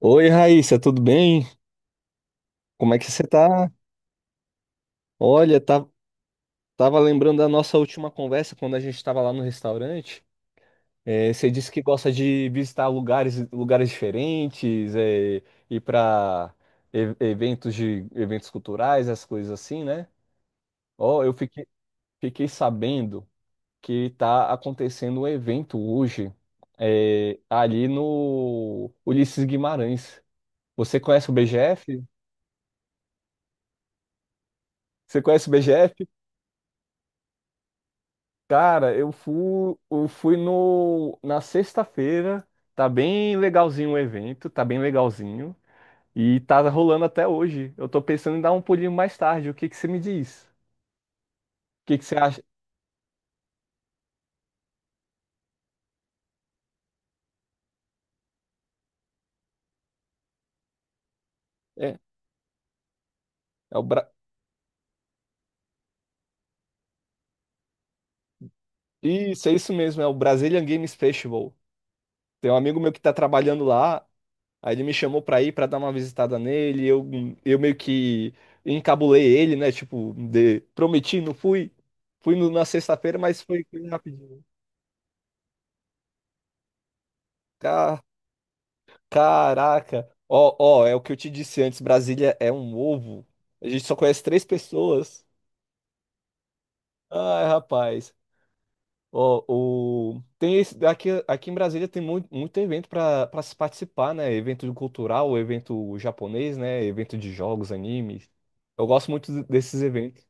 Oi, Raíssa, tudo bem? Como é que você tá? Olha, tá- Tava lembrando da nossa última conversa quando a gente estava lá no restaurante. Você disse que gosta de visitar lugares diferentes, ir para eventos culturais, essas coisas assim, né? Ó, eu fiquei, Fiquei sabendo que tá acontecendo um evento hoje, ali no Ulisses Guimarães. Você conhece o BGF? Você conhece o BGF? Cara, eu fui no, na sexta-feira. Tá bem legalzinho o evento, tá bem legalzinho. E tá rolando até hoje. Eu tô pensando em dar um pulinho mais tarde. O que que você me diz? O que que você acha? É, é o Bra... Isso, é isso mesmo, é o Brazilian Games Festival. Tem um amigo meu que tá trabalhando lá, aí ele me chamou pra ir pra dar uma visitada nele. Eu meio que encabulei ele, né? Prometi, não fui. Fui na sexta-feira, mas foi rapidinho. Tá Caraca! Ó, ó, é o que eu te disse antes, Brasília é um ovo. A gente só conhece três pessoas. Ai, rapaz. Ó, o... tem esse... Aqui, aqui em Brasília tem muito evento para se participar, né? Evento cultural, evento japonês, né? Evento de jogos, animes. Eu gosto muito desses eventos.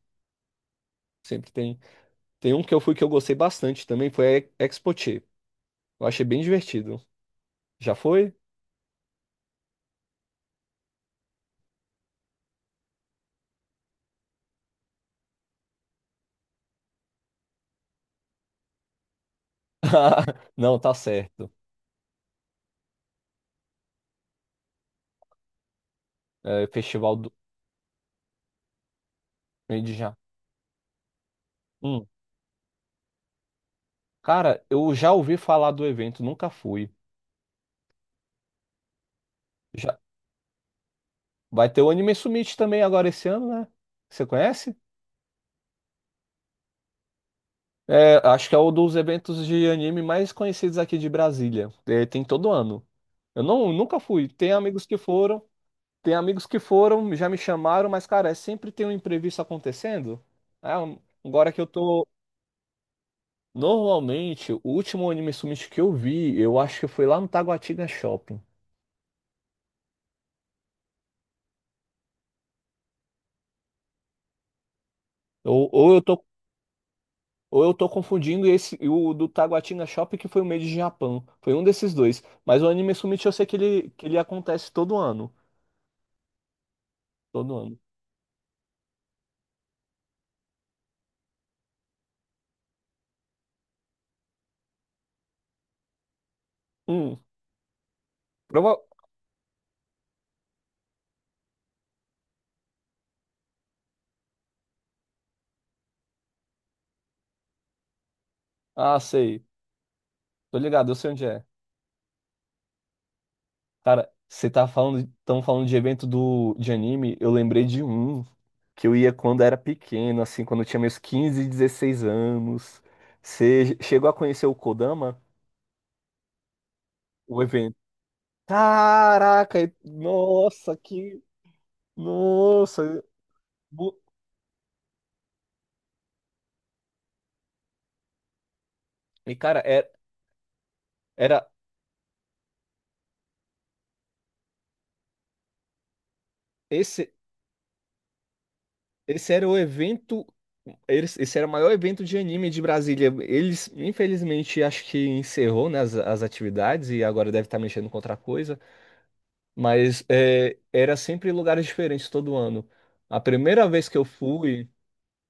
Sempre tem. Tem um que eu fui que eu gostei bastante também, foi a Expoche. Eu achei bem divertido. Já foi? Não, tá certo. É, Festival do... de já. Cara, eu já ouvi falar do evento, nunca fui. Já... Vai ter o Anime Summit também agora esse ano, né? Você conhece? É, acho que é um dos eventos de anime mais conhecidos aqui de Brasília. É, tem todo ano. Eu não, Nunca fui. Tem amigos que foram, já me chamaram, mas, cara, é sempre tem um imprevisto acontecendo. É, um- agora que eu tô. Normalmente, o último Anime Summit que eu vi, eu acho que foi lá no Taguatinga Shopping. Ou, ou eu tô Ou eu tô confundindo esse e o do Taguatinga Shopping, que foi o Made de Japão. Foi um desses dois. Mas o Anime Summit eu sei que ele acontece todo ano. Todo ano. Hum, prova... Ah, sei. Tô ligado, eu sei onde é. Cara, você tá tão falando de de anime, eu lembrei de um que eu ia quando era pequeno, assim, quando eu tinha meus quinze dezesseis anos. Você chegou a conhecer o Kodama? O evento. Caraca, e- nossa, que. Nossa. Bu- E, cara, é, era. Esse, esse era o evento. Esse era o maior evento de anime de Brasília. Eles, infelizmente, acho que encerrou, né, as atividades e agora deve estar mexendo com outra coisa. Mas é, era sempre em lugares diferentes todo ano. A primeira vez que eu fui,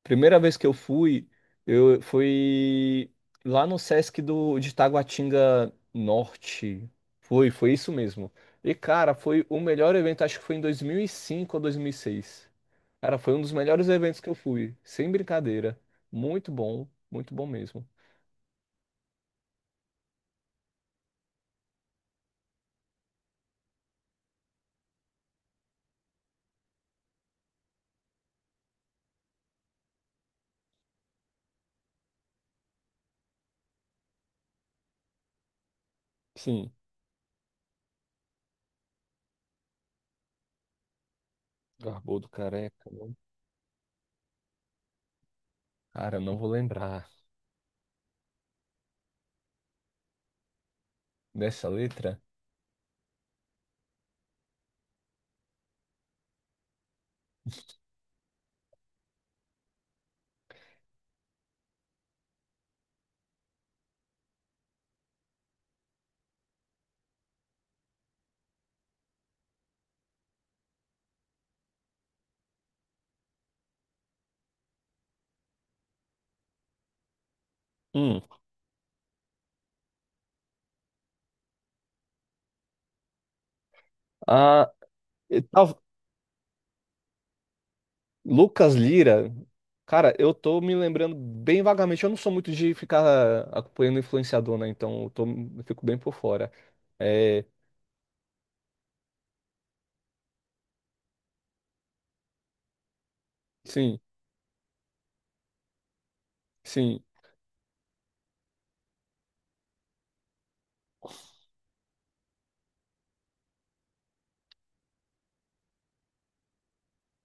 Primeira vez que eu fui lá no Sesc de Taguatinga Norte. Foi, foi isso mesmo. E, cara, foi o melhor evento, acho que foi em 2005 ou 2006. Cara, foi um dos melhores eventos que eu fui, sem brincadeira. Muito bom mesmo. Sim, Barbudo Careca. Cara, eu não vou lembrar dessa letra. Hum. Ah, e tal- Lucas Lira. Cara, eu tô me lembrando bem vagamente. Eu não sou muito de ficar acompanhando influenciador, né? Então eu fico bem por fora. É, sim, sim.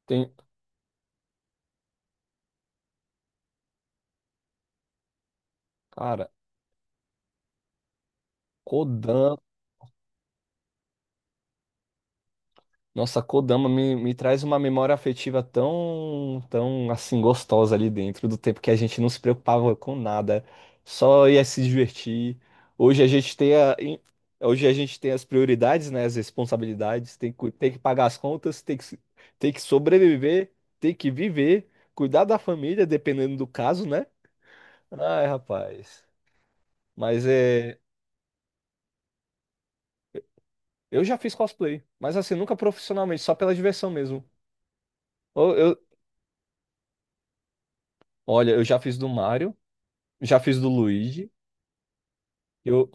Tem, cara, Kodan. Nossa, me traz uma memória afetiva tão assim gostosa ali dentro do tempo que a gente não se preocupava com nada, só ia se divertir. Hoje a gente tem a, em- Hoje a gente tem as prioridades, né, as responsabilidades, tem que pagar as contas, tem que, se- tem que sobreviver, tem que viver, cuidar da família, dependendo do caso, né? Ai, rapaz. Mas é, eu já fiz cosplay, mas assim, nunca profissionalmente, só pela diversão mesmo. Eu, eu- Olha, eu já fiz do Mario. Já fiz do Luigi. Eu,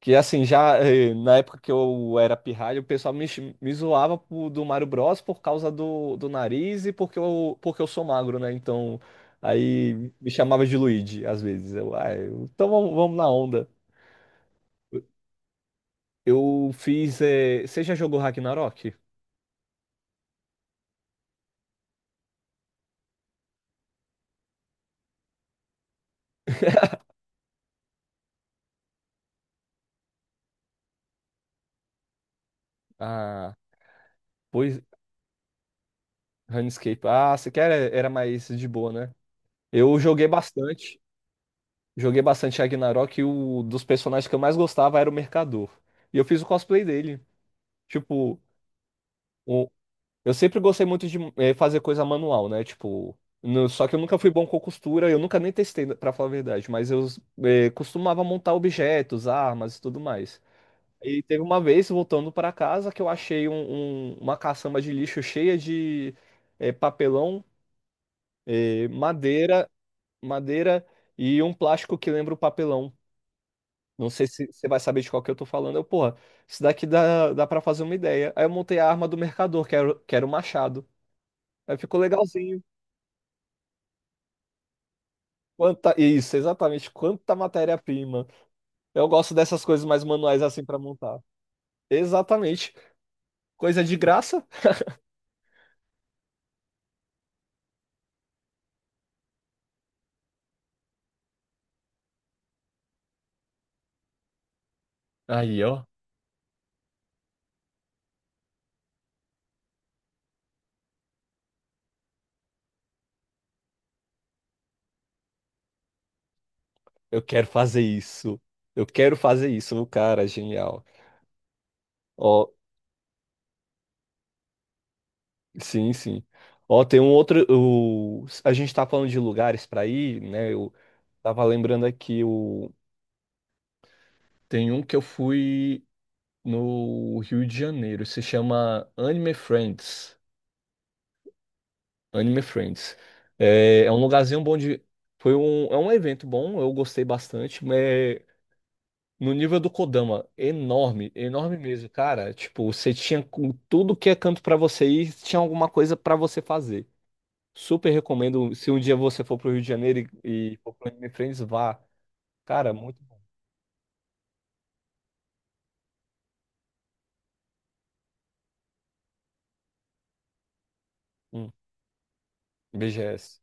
que assim, já eh, Na época que eu era pirralho, o pessoal me, chi- me zoava do Mario Bros por causa do nariz e porque eu sou magro, né? Então, aí me chamava de Luigi às vezes. Então vamos, vamos na onda. Você já jogou Ragnarok? Ah, pois. RuneScape. Ah, você quer? Era mais de boa, né? Eu joguei bastante. Joguei bastante Ragnarok e o dos personagens que eu mais gostava era o Mercador. E eu fiz o cosplay dele. Tipo, o- eu sempre gostei muito de fazer coisa manual, né? Só que eu nunca fui bom com costura, eu nunca nem testei, pra falar a verdade, mas eu costumava montar objetos, armas e tudo mais. E teve uma vez, voltando para casa, que eu achei uma caçamba de lixo cheia de papelão, madeira, madeira e um plástico que lembra o papelão. Não sei se você vai saber de qual que eu tô falando. Eu, porra, isso daqui dá, dá pra fazer uma ideia. Aí eu montei a arma do mercador, que era o machado. Aí ficou legalzinho. Quanta, isso, exatamente. Quanta matéria-prima. Eu gosto dessas coisas mais manuais assim pra montar. Exatamente. Coisa de graça. Aí, ó. Eu quero fazer isso. Eu quero fazer isso. O cara, genial. Ó, sim. Ó, tem um outro. A gente tá falando de lugares pra ir, né? Eu Tava lembrando aqui o. Tem um que eu fui no Rio de Janeiro, se chama Anime Friends. Anime Friends. É, é um lugarzinho bom de. Foi um, é um evento bom, eu gostei bastante, mas no nível do Kodama, enorme, enorme mesmo, cara. Tipo, você tinha com tudo que é canto pra você ir, tinha alguma coisa pra você fazer. Super recomendo, se um dia você for pro Rio de Janeiro e for pro Anime Friends, vá. Cara, muito bom. Hum, BGS.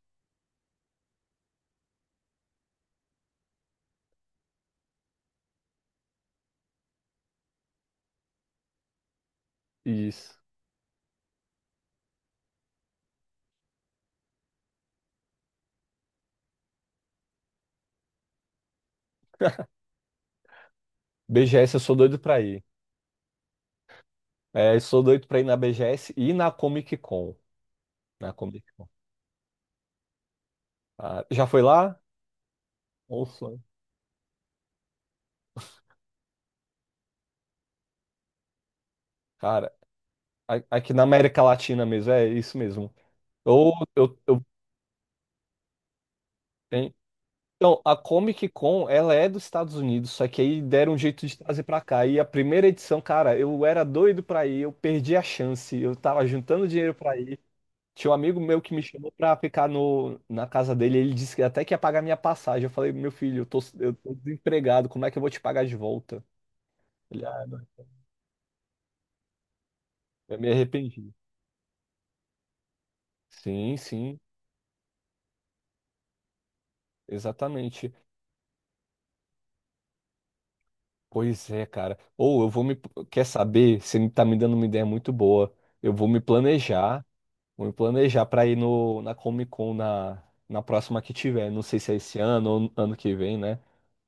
Isso. BGS, eu sou doido pra ir. É, sou doido pra ir na BGS e na Comic Con. Na Comic Con. Ah, já foi lá? Ou sonho. Cara, aqui na América Latina mesmo, é isso mesmo. Ou eu, hein? Então, a Comic Con, ela é dos Estados Unidos, só que aí deram um jeito de trazer pra cá. E a primeira edição, cara, eu era doido pra ir, eu perdi a chance, eu tava juntando dinheiro pra ir. Tinha um amigo meu que me chamou pra ficar no, na casa dele, ele disse que até que ia pagar minha passagem. Eu falei, meu filho, eu tô desempregado, como é que eu vou te pagar de volta? Ele, ah, não, eu me arrependi. Sim, sim, exatamente. Pois é, cara. Ou eu vou me. Quer saber? Tá me dando uma ideia muito boa. Eu vou me planejar. Vou me planejar pra ir no, na Comic Con na próxima que tiver. Não sei se é esse ano ou ano que vem, né?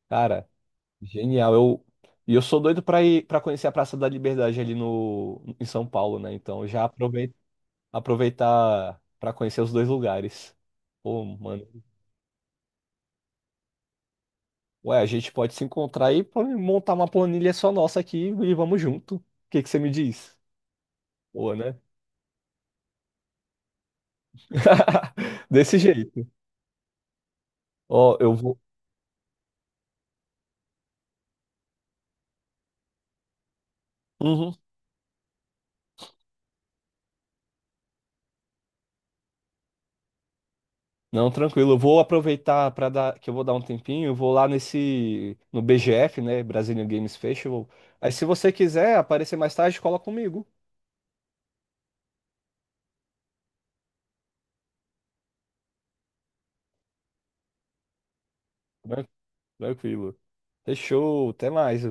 Cara, genial. E eu sou doido pra ir para conhecer a Praça da Liberdade ali no, em São Paulo, né? Então já aproveita, aproveitar pra conhecer os dois lugares. Pô, Ué, a gente pode se encontrar e montar uma planilha só nossa aqui e vamos junto. O que que você me diz? Boa, né? Desse jeito. Ó, eu vou. Uhum. Não, tranquilo. Eu vou aproveitar para dar que eu vou dar um tempinho. Eu vou lá nesse no BGF, né? Brazilian Games Festival. Aí, se você quiser aparecer mais tarde, cola comigo. Tran- Tranquilo. Fechou. Até mais.